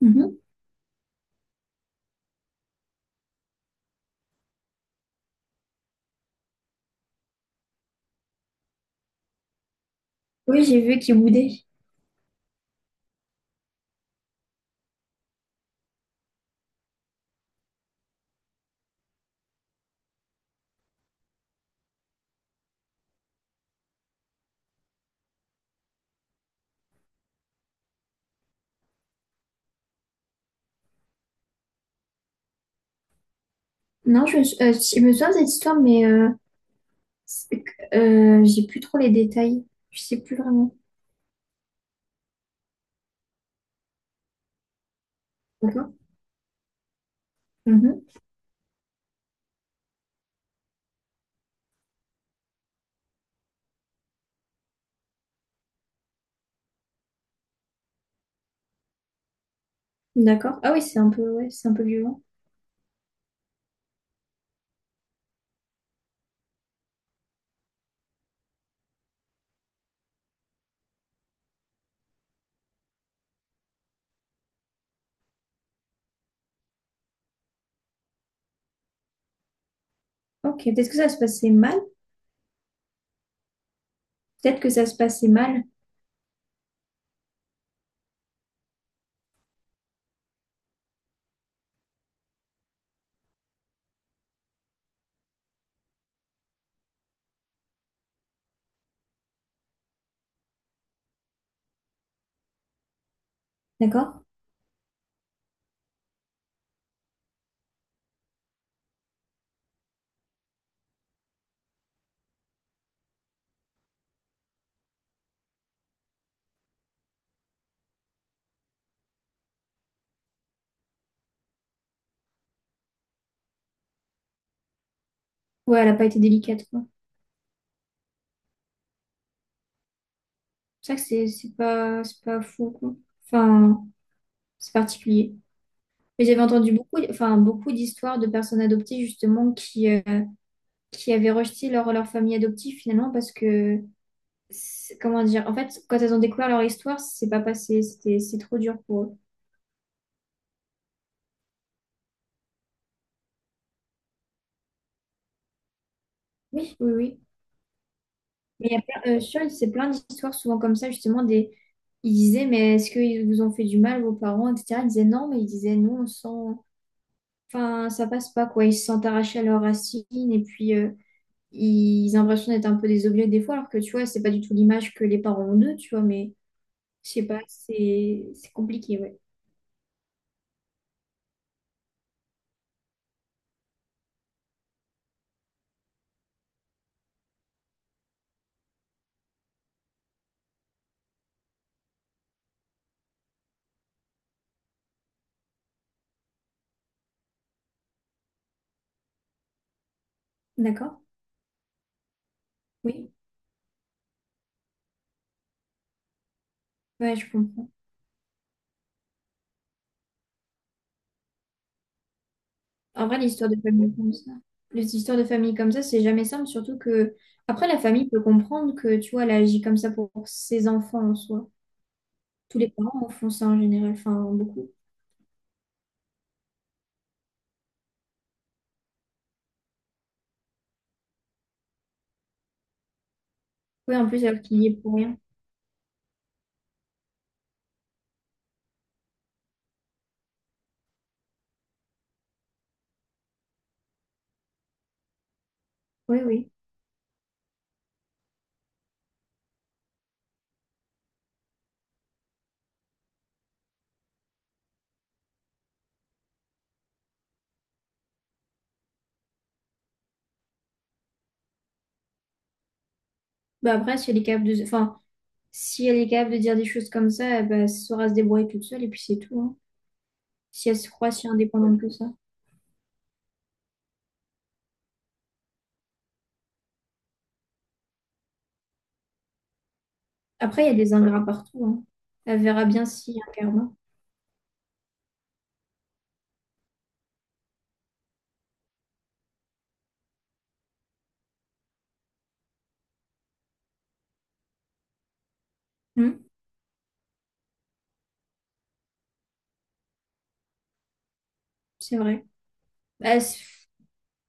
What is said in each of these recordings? Mhm. Oui, j'ai vu qu'il boudait. Non, je me souviens de cette histoire, mais j'ai plus trop les détails. Je sais plus vraiment. D'accord. Mhm. D'accord. Ah oui, c'est un peu, ouais, c'est un peu violent. Ok. Peut-être que ça se passait mal. Peut-être que ça se passait mal. D'accord. Ouais, elle a pas été délicate, quoi. C'est vrai que c'est pas, c'est pas fou, quoi. Enfin, c'est particulier. Mais j'avais entendu beaucoup, enfin, beaucoup d'histoires de personnes adoptées, justement, qui avaient rejeté leur famille adoptive, finalement, parce que comment dire, en fait, quand elles ont découvert leur histoire, c'est pas passé, c'était, c'est trop dur pour eux. Oui. Oui, oui. Mais il y a plein, c'est plein d'histoires souvent comme ça, justement, ils disaient, mais est-ce qu'ils vous ont fait du mal, vos parents, etc. Ils disaient non, mais ils disaient non, on sent, enfin, ça passe pas, quoi. Ils se sentent arrachés à leurs racines et puis ils ont l'impression d'être un peu des objets des fois, alors que tu vois, c'est pas du tout l'image que les parents ont d'eux, tu vois, mais je sais pas, c'est compliqué, ouais. D'accord? Oui, ouais, je comprends. En vrai, l'histoire de famille comme ça, les histoires de famille comme ça, c'est jamais simple, surtout que après la famille peut comprendre que tu vois, elle agit comme ça pour ses enfants en soi. Tous les parents en font ça en général, enfin beaucoup. Oui, en plus alors qu'il y est pour rien. Oui, oui. Bah après, si elle est capable de, enfin, si elle est capable de dire des choses comme ça, bah, elle saura se débrouiller toute seule et puis c'est tout, hein. Si elle se croit si indépendante que ça. Après, il y a des ingrats partout, hein. Elle verra bien s'il y a un karma. Hum, c'est vrai. Bah,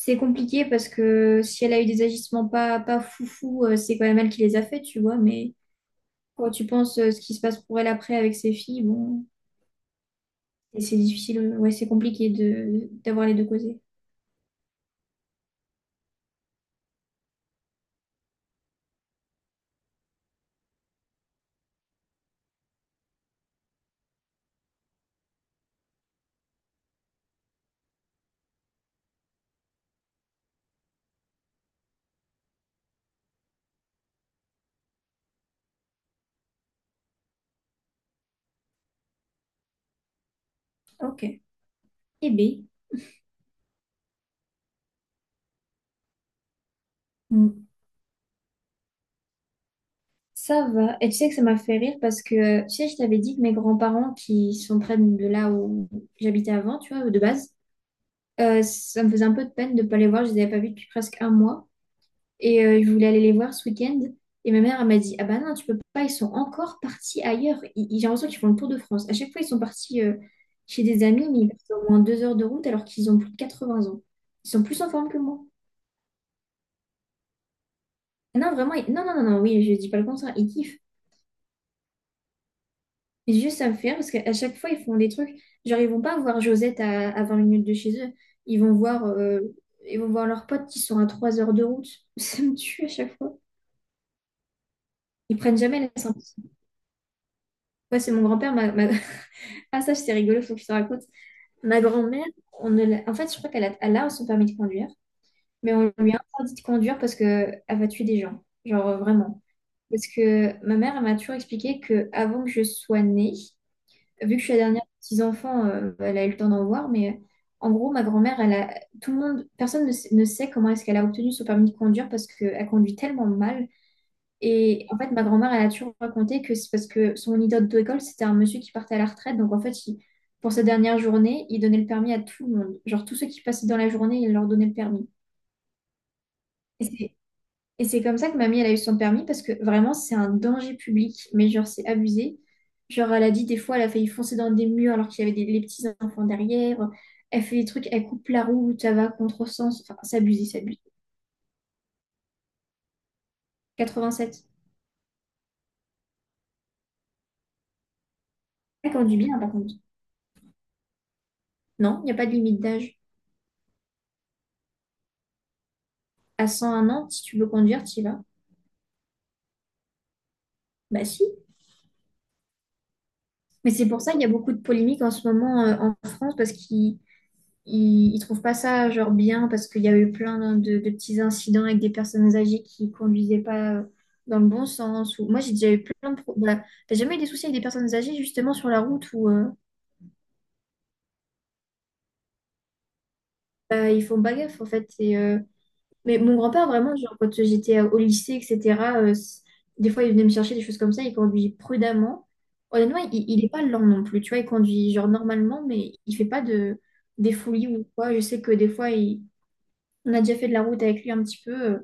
c'est compliqué parce que si elle a eu des agissements pas foufou, c'est quand même elle qui les a faits, tu vois. Mais quand tu penses ce qui se passe pour elle après avec ses filles, bon, et c'est difficile, ouais, c'est compliqué de d'avoir les deux causés. Ok. Eh bien, ça va. Et tu sais que ça m'a fait rire parce que, tu sais, je t'avais dit que mes grands-parents qui sont près de là où j'habitais avant, tu vois, de base, ça me faisait un peu de peine de ne pas les voir, je les avais pas vus depuis presque un mois. Et je voulais aller les voir ce week-end. Et ma mère, elle m'a dit, ah bah non, tu peux pas, ils sont encore partis ailleurs. J'ai l'impression qu'ils font le tour de France. À chaque fois, ils sont partis chez des amis, mais ils partent au moins 2 heures de route alors qu'ils ont plus de 80 ans. Ils sont plus en forme que moi. Ah non, vraiment, non, non, non, non, oui, je dis pas le contraire, ils kiffent. Mais juste, ça me fait rire parce qu'à chaque fois, ils font des trucs. Genre, ils vont pas voir Josette à 20 minutes de chez eux. Ils vont voir, euh, ils vont voir leurs potes qui sont à 3 heures de route. Ça me tue à chaque fois. Ils prennent jamais la sortie. Ouais, c'est mon grand-père, Ah, ça, c'est rigolo, faut que je te raconte. Ma grand-mère, on ne l'a- en fait, je crois qu'elle a, son permis de conduire, mais on lui a interdit de conduire parce qu'elle va tuer des gens. Genre, vraiment. Parce que ma mère, elle m'a toujours expliqué que avant que je sois née, vu que je suis la dernière des petits-enfants, elle a eu le temps d'en voir, mais en gros, ma grand-mère, tout le monde, personne ne sait comment est-ce qu'elle a obtenu son permis de conduire parce qu'elle conduit tellement mal et en fait, ma grand-mère, elle a toujours raconté que c'est parce que son idole d'école, c'était un monsieur qui partait à la retraite. Donc, en fait, pour sa dernière journée, il donnait le permis à tout le monde. Genre, tous ceux qui passaient dans la journée, il leur donnait le permis. Et c'est et c'est comme ça que mamie, elle a eu son permis parce que vraiment, c'est un danger public. Mais genre, c'est abusé. Genre, elle a dit des fois, elle a failli foncer dans des murs alors qu'il y avait les petits enfants derrière. Elle fait des trucs, elle coupe la route, elle va à contresens. Enfin, c'est abusé, c'est abusé. 87. Elle conduit bien, par contre. Non, il n'y a pas de limite d'âge. À 101 ans, si tu veux conduire, tu y vas. Bah si. Mais c'est pour ça qu'il y a beaucoup de polémiques en ce moment en France parce qu'ils ils, ils trouvent pas ça genre bien parce qu'il y a eu plein de petits incidents avec des personnes âgées qui conduisaient pas dans le bon sens. Ou... Moi, j'ai déjà eu plein de... pro- Bah, t'as jamais eu des soucis avec des personnes âgées justement sur la route où bah, ils font pas gaffe en fait. Mais mon grand-père, vraiment, genre, quand j'étais au lycée, etc., des fois, il venait me chercher des choses comme ça, il conduit prudemment. Honnêtement, il est pas lent non plus, tu vois, il conduit genre normalement, mais il fait pas des folies ou quoi. Je sais que des fois, on a déjà fait de la route avec lui un petit peu,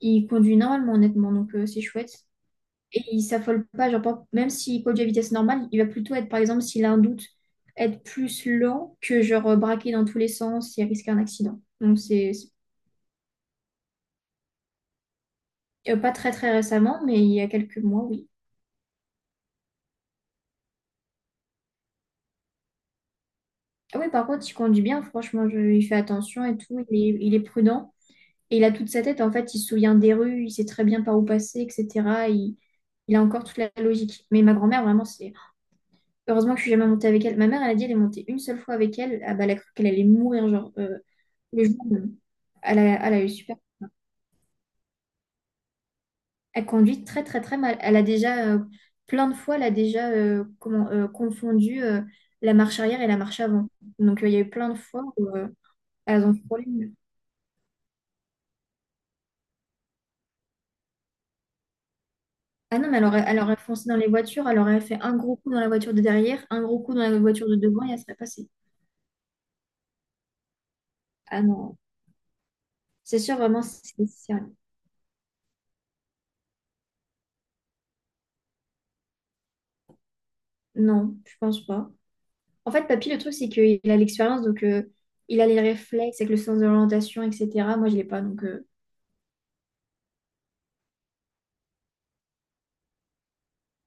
il conduit normalement, honnêtement, donc c'est chouette. Et il s'affole pas, genre, même s'il conduit à vitesse normale, il va plutôt être, par exemple, s'il a un doute, être plus lent que genre braquer dans tous les sens et risquer un accident. Donc c'est. Pas très très récemment, mais il y a quelques mois, oui. Ah oui, par contre, il conduit bien, franchement, il fait attention et tout, il est prudent. Et il a toute sa tête, en fait, il se souvient des rues, il sait très bien par où passer, etc. Il a encore toute la logique. Mais ma grand-mère, vraiment, c'est... Heureusement que je suis jamais montée avec elle. Ma mère, elle a dit, elle est montée une seule fois avec elle. Ah bah, elle a cru qu'elle allait mourir, genre, le jour où- elle a, eu super... Elle conduit très très très mal. Plein de fois, elle a déjà confondu la marche arrière et la marche avant. Donc il y a eu plein de fois où elles ont frôlé. Ah non, mais elle aurait foncé dans les voitures, elle aurait fait un gros coup dans la voiture de derrière, un gros coup dans la voiture de devant et elle serait passée. Ah non, c'est sûr vraiment, c'est sérieux. Non, je pense pas. En fait, papy, le truc, c'est qu'il a l'expérience, donc il a les réflexes avec le sens de l'orientation, etc. Moi, je l'ai pas, donc...